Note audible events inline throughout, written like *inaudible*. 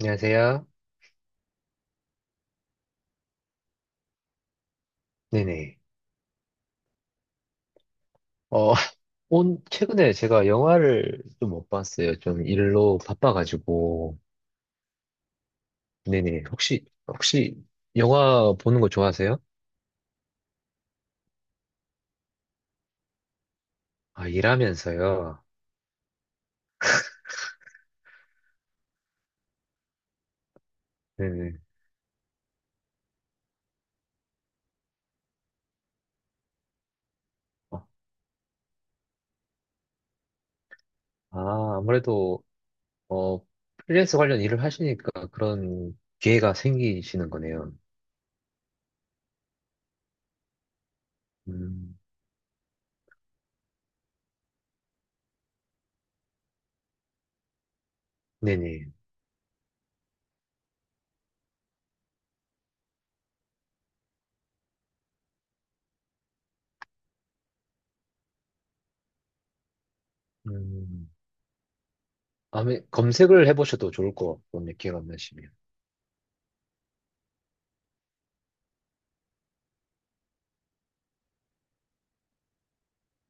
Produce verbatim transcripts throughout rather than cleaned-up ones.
안녕하세요. 네네. 어, *laughs* 온, 최근에 제가 영화를 좀 못 봤어요. 좀 일로 바빠가지고. 네네. 혹시, 혹시 영화 보는 거 좋아하세요? 아, 일하면서요. 네네. 어, 아, 아무래도, 어, 프리랜서 관련 일을 하시니까 그런 기회가 생기시는 거네요. 음, 네네. 음, 아마 검색을 해보셔도 좋을 것 같고, 근데 기회가 안 나시면.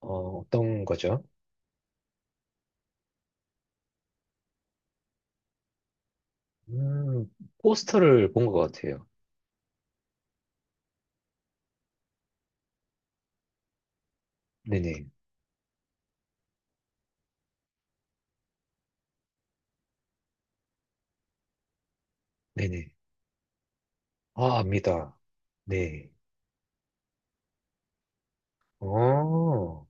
어, 어떤 거죠? 음, 포스터를 본 것 같아요. 네네. 네네. 아, 압니다. 네. 어,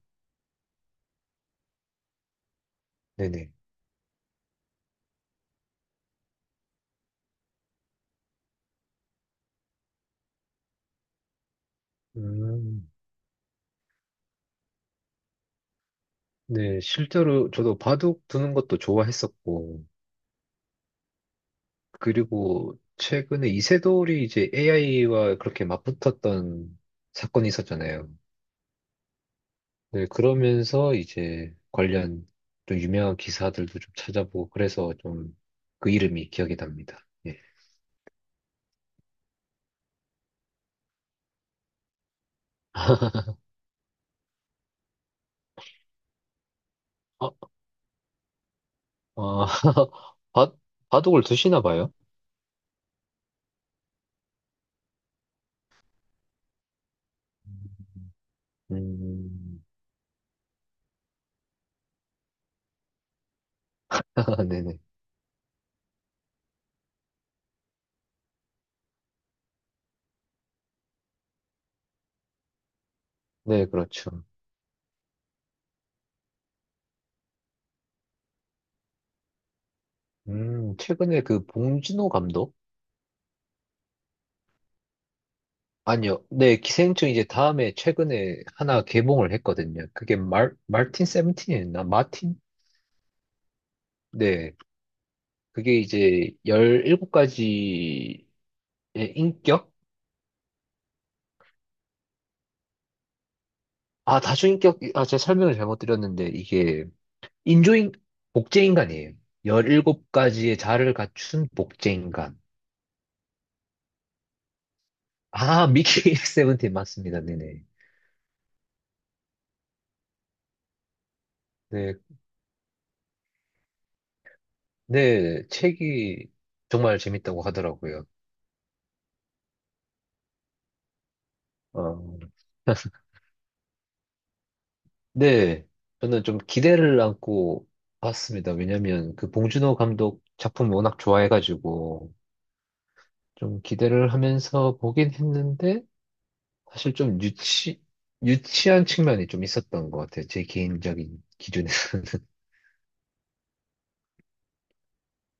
네네. 음, 네. 실제로 저도 바둑 두는 것도 좋아했었고, 그리고 최근에 이세돌이 이제 에이아이와 그렇게 맞붙었던 사건이 있었잖아요. 네, 그러면서 이제 관련 좀 유명한 기사들도 좀 찾아보고, 그래서 좀 그 이름이 기억이 납니다. 예. *laughs* 어, 어, *laughs* 바, 바둑을 두시나 봐요? 음, *laughs* 음. 네네. 네, 그렇죠. 음, 최근에 그 봉준호 감독? 아니요. 네, 기생충 이제 다음에 최근에 하나 개봉을 했거든요. 그게 말, 말틴 세븐틴이었나? 마틴? 네. 그게 이제 십칠 가지의 인격? 아, 다수인격, 아, 제가 설명을 잘못 드렸는데, 이게 인조인, 복제인간이에요. 십칠 가지의 자아를 갖춘 복제인간. 아, 미키 *laughs* 세븐틴 맞습니다. 네네. 네, 네, 책이 정말 재밌다고 하더라고요. 어, 네, 저는 좀 기대를 안고 봤습니다. 왜냐면 그 봉준호 감독 작품 워낙 좋아해가지고 좀 기대를 하면서 보긴 했는데 사실 좀 유치, 유치한 측면이 좀 있었던 것 같아요. 제 개인적인 기준에서는. *laughs*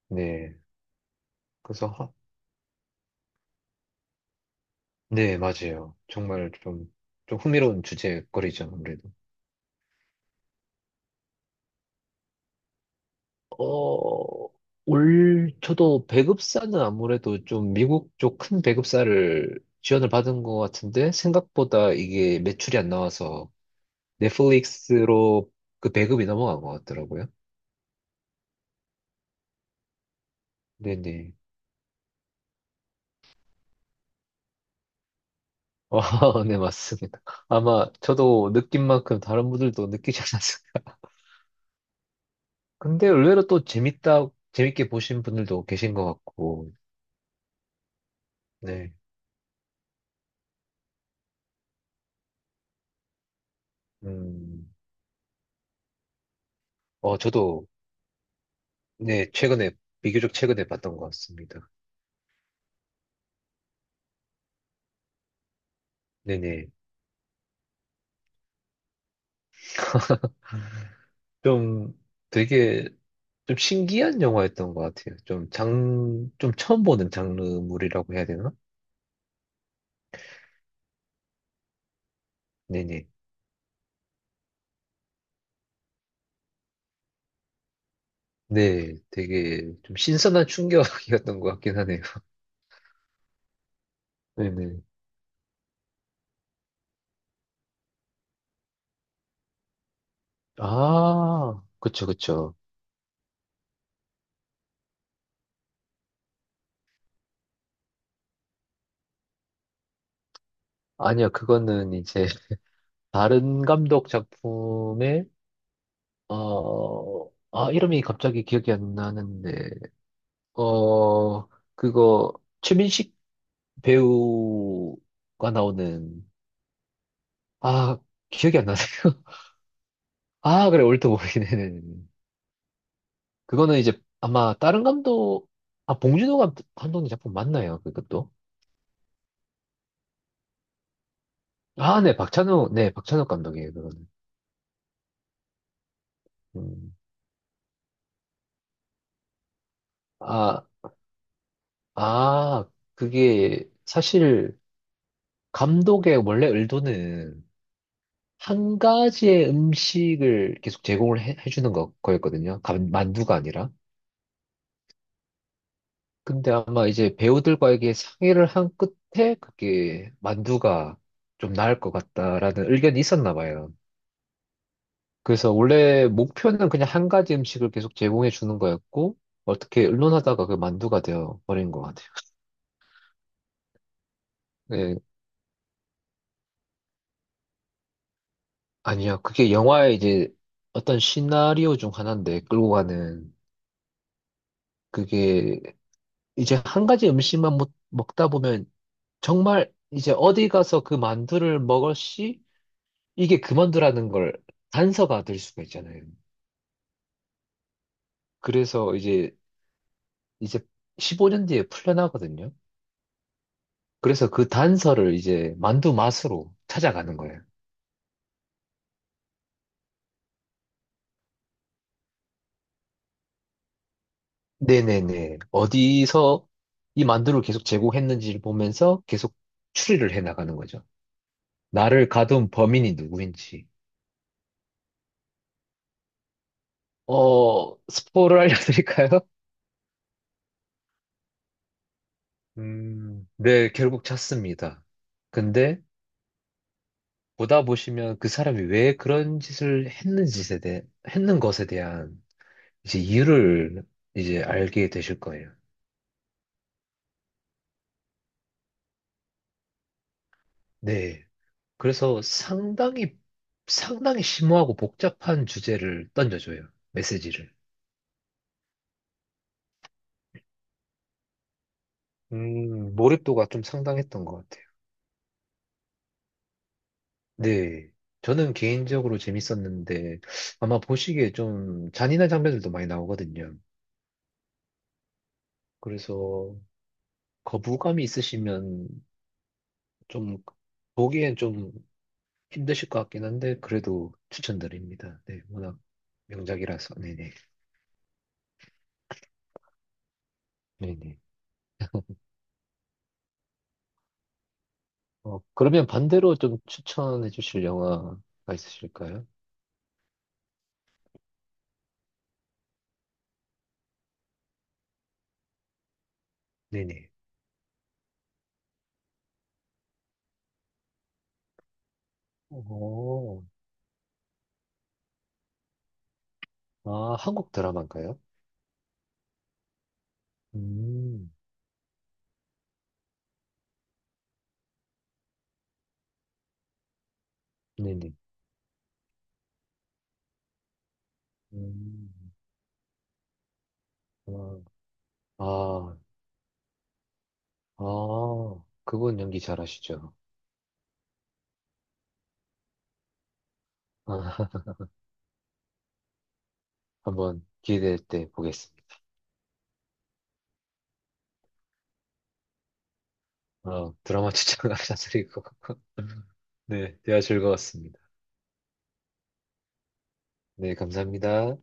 네, 그래서, 하- 네, 맞아요. 정말 좀, 좀 흥미로운 주제거리죠, 아무래도. 어, 올, 저도 배급사는 아무래도 좀 미국 쪽 큰 배급사를 지원을 받은 것 같은데, 생각보다 이게 매출이 안 나와서 넷플릭스로 그 배급이 넘어간 것 같더라고요. 네네. 아, *laughs* 네, 맞습니다. 아마 저도 느낀 만큼 다른 분들도 느끼지 않았을까. 근데 의외로 또 재밌다, 재밌게 보신 분들도 계신 것 같고, 네. 음, 어, 저도, 네, 최근에, 비교적 최근에 봤던 것 같습니다. 네네. 좀 되게 좀 신기한 영화였던 것 같아요. 좀 장, 좀 처음 보는 장르물이라고 해야 되나? 네네. 네, 되게 좀 신선한 충격이었던 것 같긴 하네요. *laughs* 네네. 아, 그쵸, 그쵸. 아니요, 그거는 이제 *laughs* 다른 감독 작품의, 어, 아, 이름이 갑자기 기억이 안 나는데, 어, 그거, 최민식 배우가 나오는, 아, 기억이 안 나네요. 아, 그래, 올드 보이는. 그거는 이제 아마 다른 감독, 아, 봉준호 감- 감독님 작품 맞나요? 그것도? 아, 네, 박찬욱, 네, 박찬욱 감독이에요, 그거는. 음. 아, 아, 그게 사실 감독의 원래 의도는 한 가지의 음식을 계속 제공을 해, 해주는 거, 거였거든요. 감- 만두가 아니라. 근데 아마 이제 배우들과에게 상의를 한 끝에 그게 만두가 좀 나을 것 같다라는 의견이 있었나 봐요. 그래서 원래 목표는 그냥 한 가지 음식을 계속 제공해 주는 거였고, 어떻게 의논하다가 그 만두가 되어 버린 것 같아요. 네, 아니야. 그게 영화의 이제 어떤 시나리오 중 하나인데, 끌고 가는. 그게 이제 한 가지 음식만 먹, 먹다 보면 정말 이제 어디 가서 그 만두를 먹을 시 이게 그 만두라는 걸 단서가 될 수가 있잖아요. 그래서 이제, 이제 십오 년 뒤에 풀려나거든요. 그래서 그 단서를 이제 만두 맛으로 찾아가는 거예요. 네네네. 어디서 이 만두를 계속 제공했는지를 보면서 계속 추리를 해 나가는 거죠. 나를 가둔 범인이 누구인지. 어, 스포를 알려드릴까요? *laughs* 음, 네, 결국 찾습니다. 근데 보다 보시면 그 사람이 왜 그런 짓을 했는지에 대해, 했는 것에 대한 이제 이유를 이제 알게 되실 거예요. 네. 그래서 상당히, 상당히 심오하고 복잡한 주제를 던져줘요. 메시지를. 음, 몰입도가 좀 상당했던 것 같아요. 네. 저는 개인적으로 재밌었는데, 아마 보시기에 좀 잔인한 장면들도 많이 나오거든요. 그래서 거부감이 있으시면 좀, 보기엔 좀 힘드실 것 같긴 한데, 그래도 추천드립니다. 네, 워낙 명작이라서. 네네. 네네. 어, 그러면 반대로 좀 추천해 주실 영화가 있으실까요? 네네. 오, 아, 한국 드라마인가요? 음, 네네. 음. 음, 아, 아, 그분 연기 잘하시죠. 아, *laughs* 한번 기회될 때 보겠습니다. 아, 드라마 추천 감사드리고. *laughs* 네, 대화 즐거웠습니다. 네, 감사합니다.